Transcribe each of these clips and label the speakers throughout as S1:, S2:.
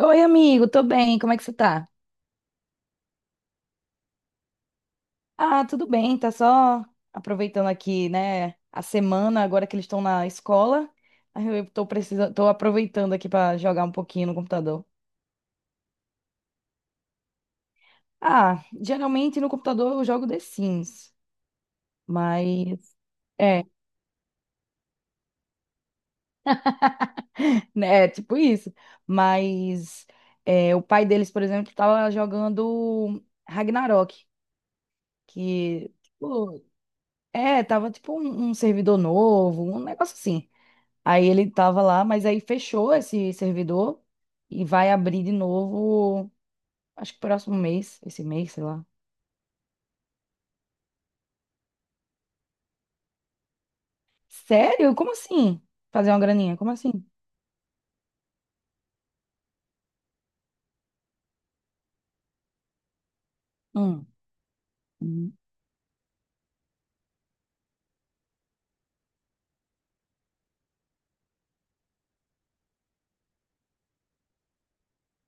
S1: Oi, amigo, tô bem, como é que você tá? Ah, tudo bem, tá só aproveitando aqui, né, a semana, agora que eles estão na escola. Aí eu tô precisando, tô aproveitando aqui pra jogar um pouquinho no computador. Ah, geralmente no computador eu jogo The Sims, mas é, né, é tipo isso. Mas é, o pai deles, por exemplo, tava jogando Ragnarok, que tipo, é, tava tipo um servidor novo, um negócio assim. Aí ele tava lá, mas aí fechou esse servidor e vai abrir de novo, acho que próximo mês, esse mês, sei lá. Sério? Como assim? Fazer uma graninha? Como assim? Hum. Hum.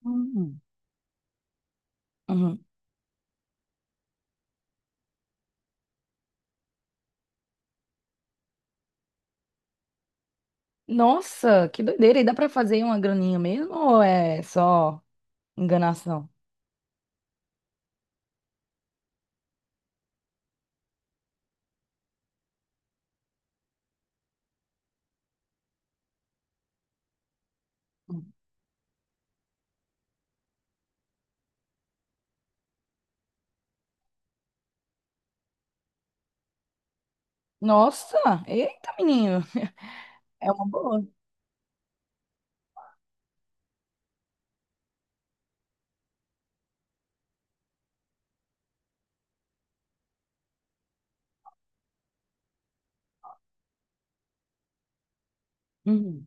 S1: Hum. Uhum. Nossa, que doideira! E dá pra fazer uma graninha mesmo ou é só enganação? Hum. Nossa, eita, menino, é uma boa. Uhum.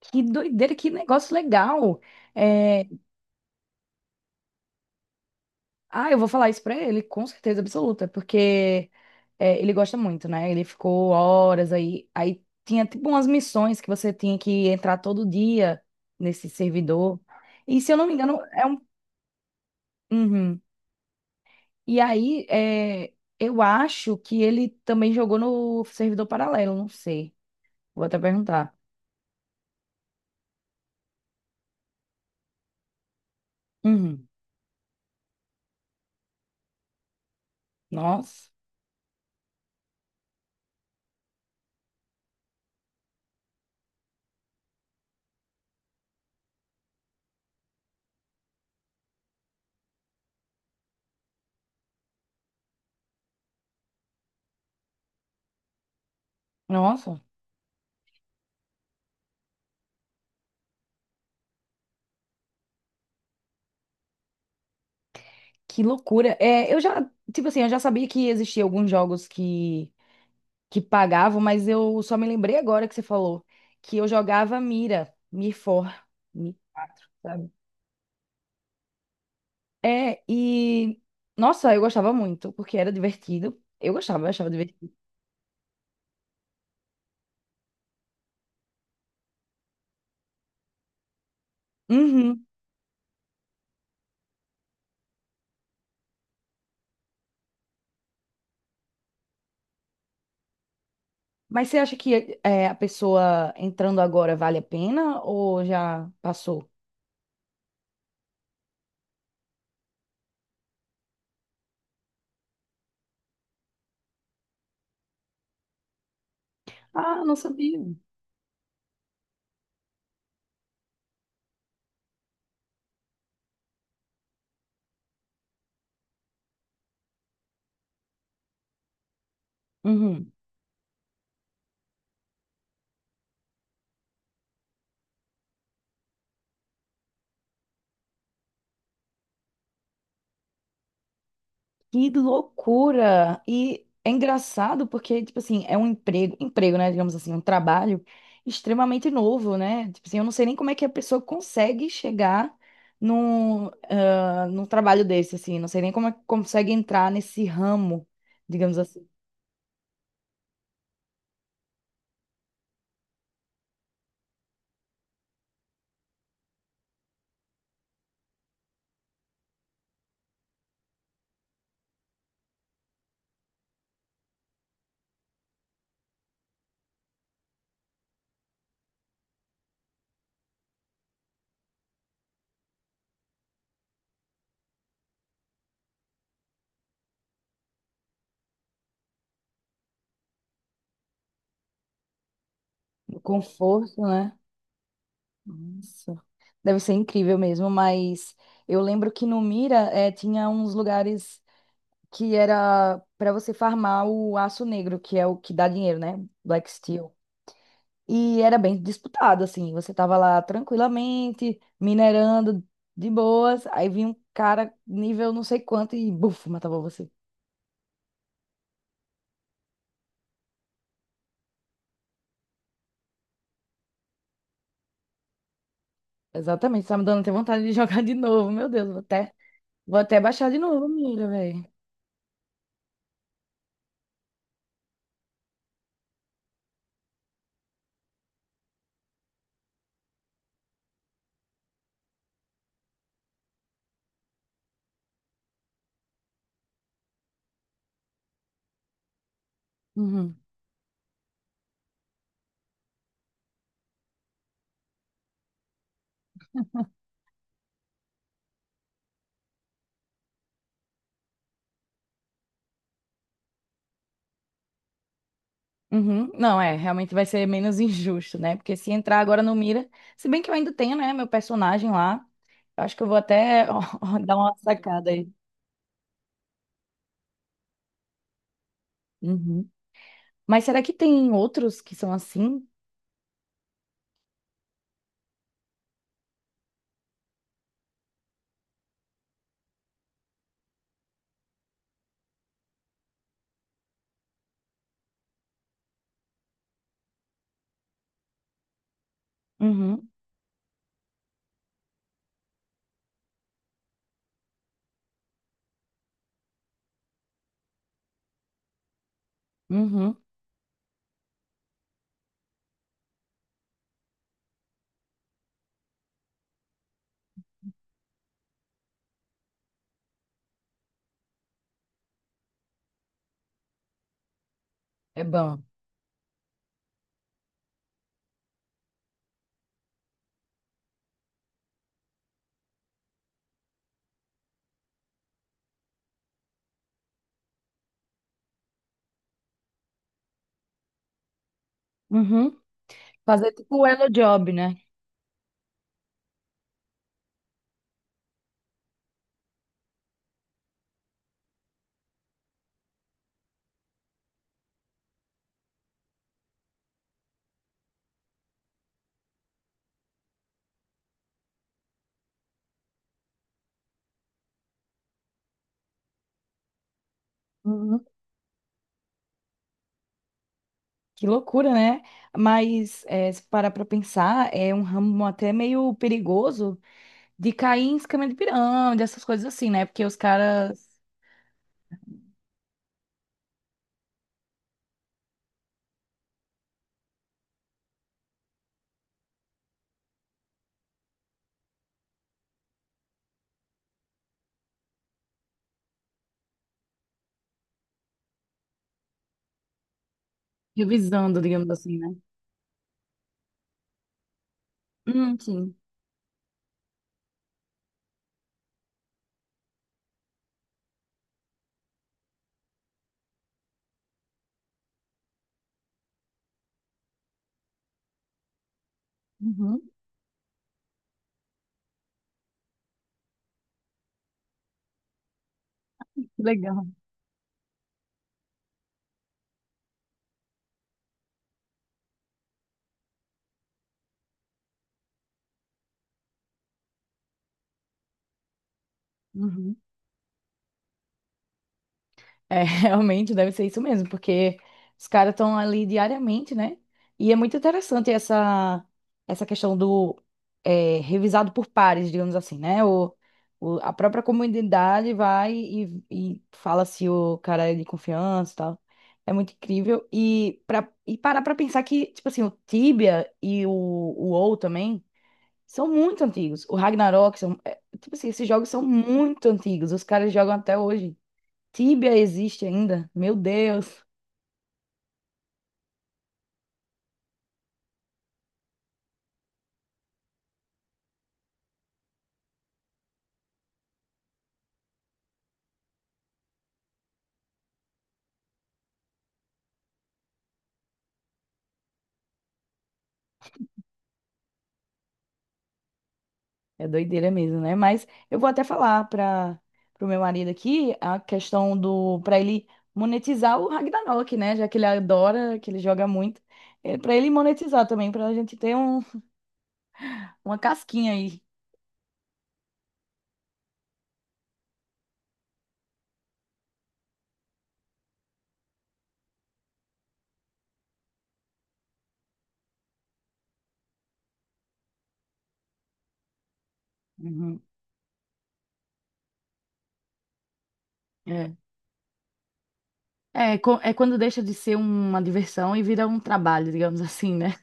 S1: Que doideira, que negócio legal. É, ah, eu vou falar isso pra ele, com certeza absoluta, porque é, ele gosta muito, né? Ele ficou horas aí. Aí tinha tipo umas missões que você tinha que entrar todo dia nesse servidor. E se eu não me engano, é um. Uhum. E aí, é, eu acho que ele também jogou no servidor paralelo, não sei. Vou até perguntar. Uhum. Nossa, nossa, que loucura. É, eu já, tipo assim, eu já sabia que existiam alguns jogos que pagavam, mas eu só me lembrei agora que você falou que eu jogava Mira, Mir 4, Mir 4, sabe? É, e nossa, eu gostava muito, porque era divertido. Eu gostava, eu achava divertido. Uhum. Mas você acha que é, a pessoa entrando agora vale a pena ou já passou? Ah, não sabia. Uhum. Que loucura! E é engraçado porque, tipo assim, é um emprego, emprego, né? Digamos assim, um trabalho extremamente novo, né? Tipo assim, eu não sei nem como é que a pessoa consegue chegar num, ah, num trabalho desse, assim. Não sei nem como é que consegue entrar nesse ramo, digamos assim, do conforto, né? Nossa, deve ser incrível mesmo, mas eu lembro que no Mira, tinha uns lugares que era para você farmar o aço negro, que é o que dá dinheiro, né? Black Steel. E era bem disputado, assim. Você tava lá tranquilamente, minerando de boas, aí vinha um cara nível não sei quanto e buf, matava você. Exatamente, tá me dando até vontade de jogar de novo. Meu Deus, vou até baixar de novo, amiga, velho. Uhum. Uhum. Não, é, realmente vai ser menos injusto, né? Porque se entrar agora no Mira, se bem que eu ainda tenho, né, meu personagem lá, eu acho que eu vou até dar uma sacada aí. Uhum. Mas será que tem outros que são assim? Uhum. Uhum. É bom. Uhum. Fazer tipo o Elo Job, né? Uhum. Que loucura, né? Mas é, se parar para pensar, é um ramo até meio perigoso de cair em esquema de pirâmide, essas coisas assim, né? Porque os caras revisando, digamos assim, né? Sim. Uhum. Que legal. Uhum. É, realmente deve ser isso mesmo, porque os caras estão ali diariamente, né? E é muito interessante essa, essa questão do é, revisado por pares, digamos assim, né? O- a própria comunidade vai e fala se o cara é de confiança e tal. É muito incrível. E, pra, e parar pra pensar que, tipo assim, o Tibia e o WoW também são muito antigos. O Ragnarok, são, é, tipo assim, esses jogos são muito antigos. Os caras jogam até hoje. Tíbia existe ainda? Meu Deus, é doideira mesmo, né? Mas eu vou até falar para o meu marido aqui a questão do para ele monetizar o Ragnarok, né? Já que ele adora, que ele joga muito, é, para ele monetizar também, para a gente ter um, uma casquinha aí. Uhum. É. É, co- é quando deixa de ser uma diversão e vira um trabalho, digamos assim, né?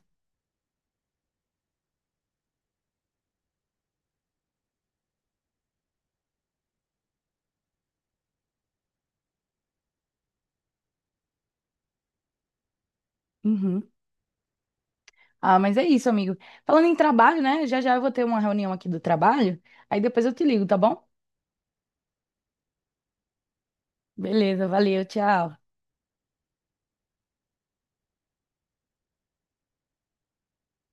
S1: Uhum. Ah, mas é isso, amigo. Falando em trabalho, né? Já já eu vou ter uma reunião aqui do trabalho, aí depois eu te ligo, tá bom? Beleza, valeu, tchau.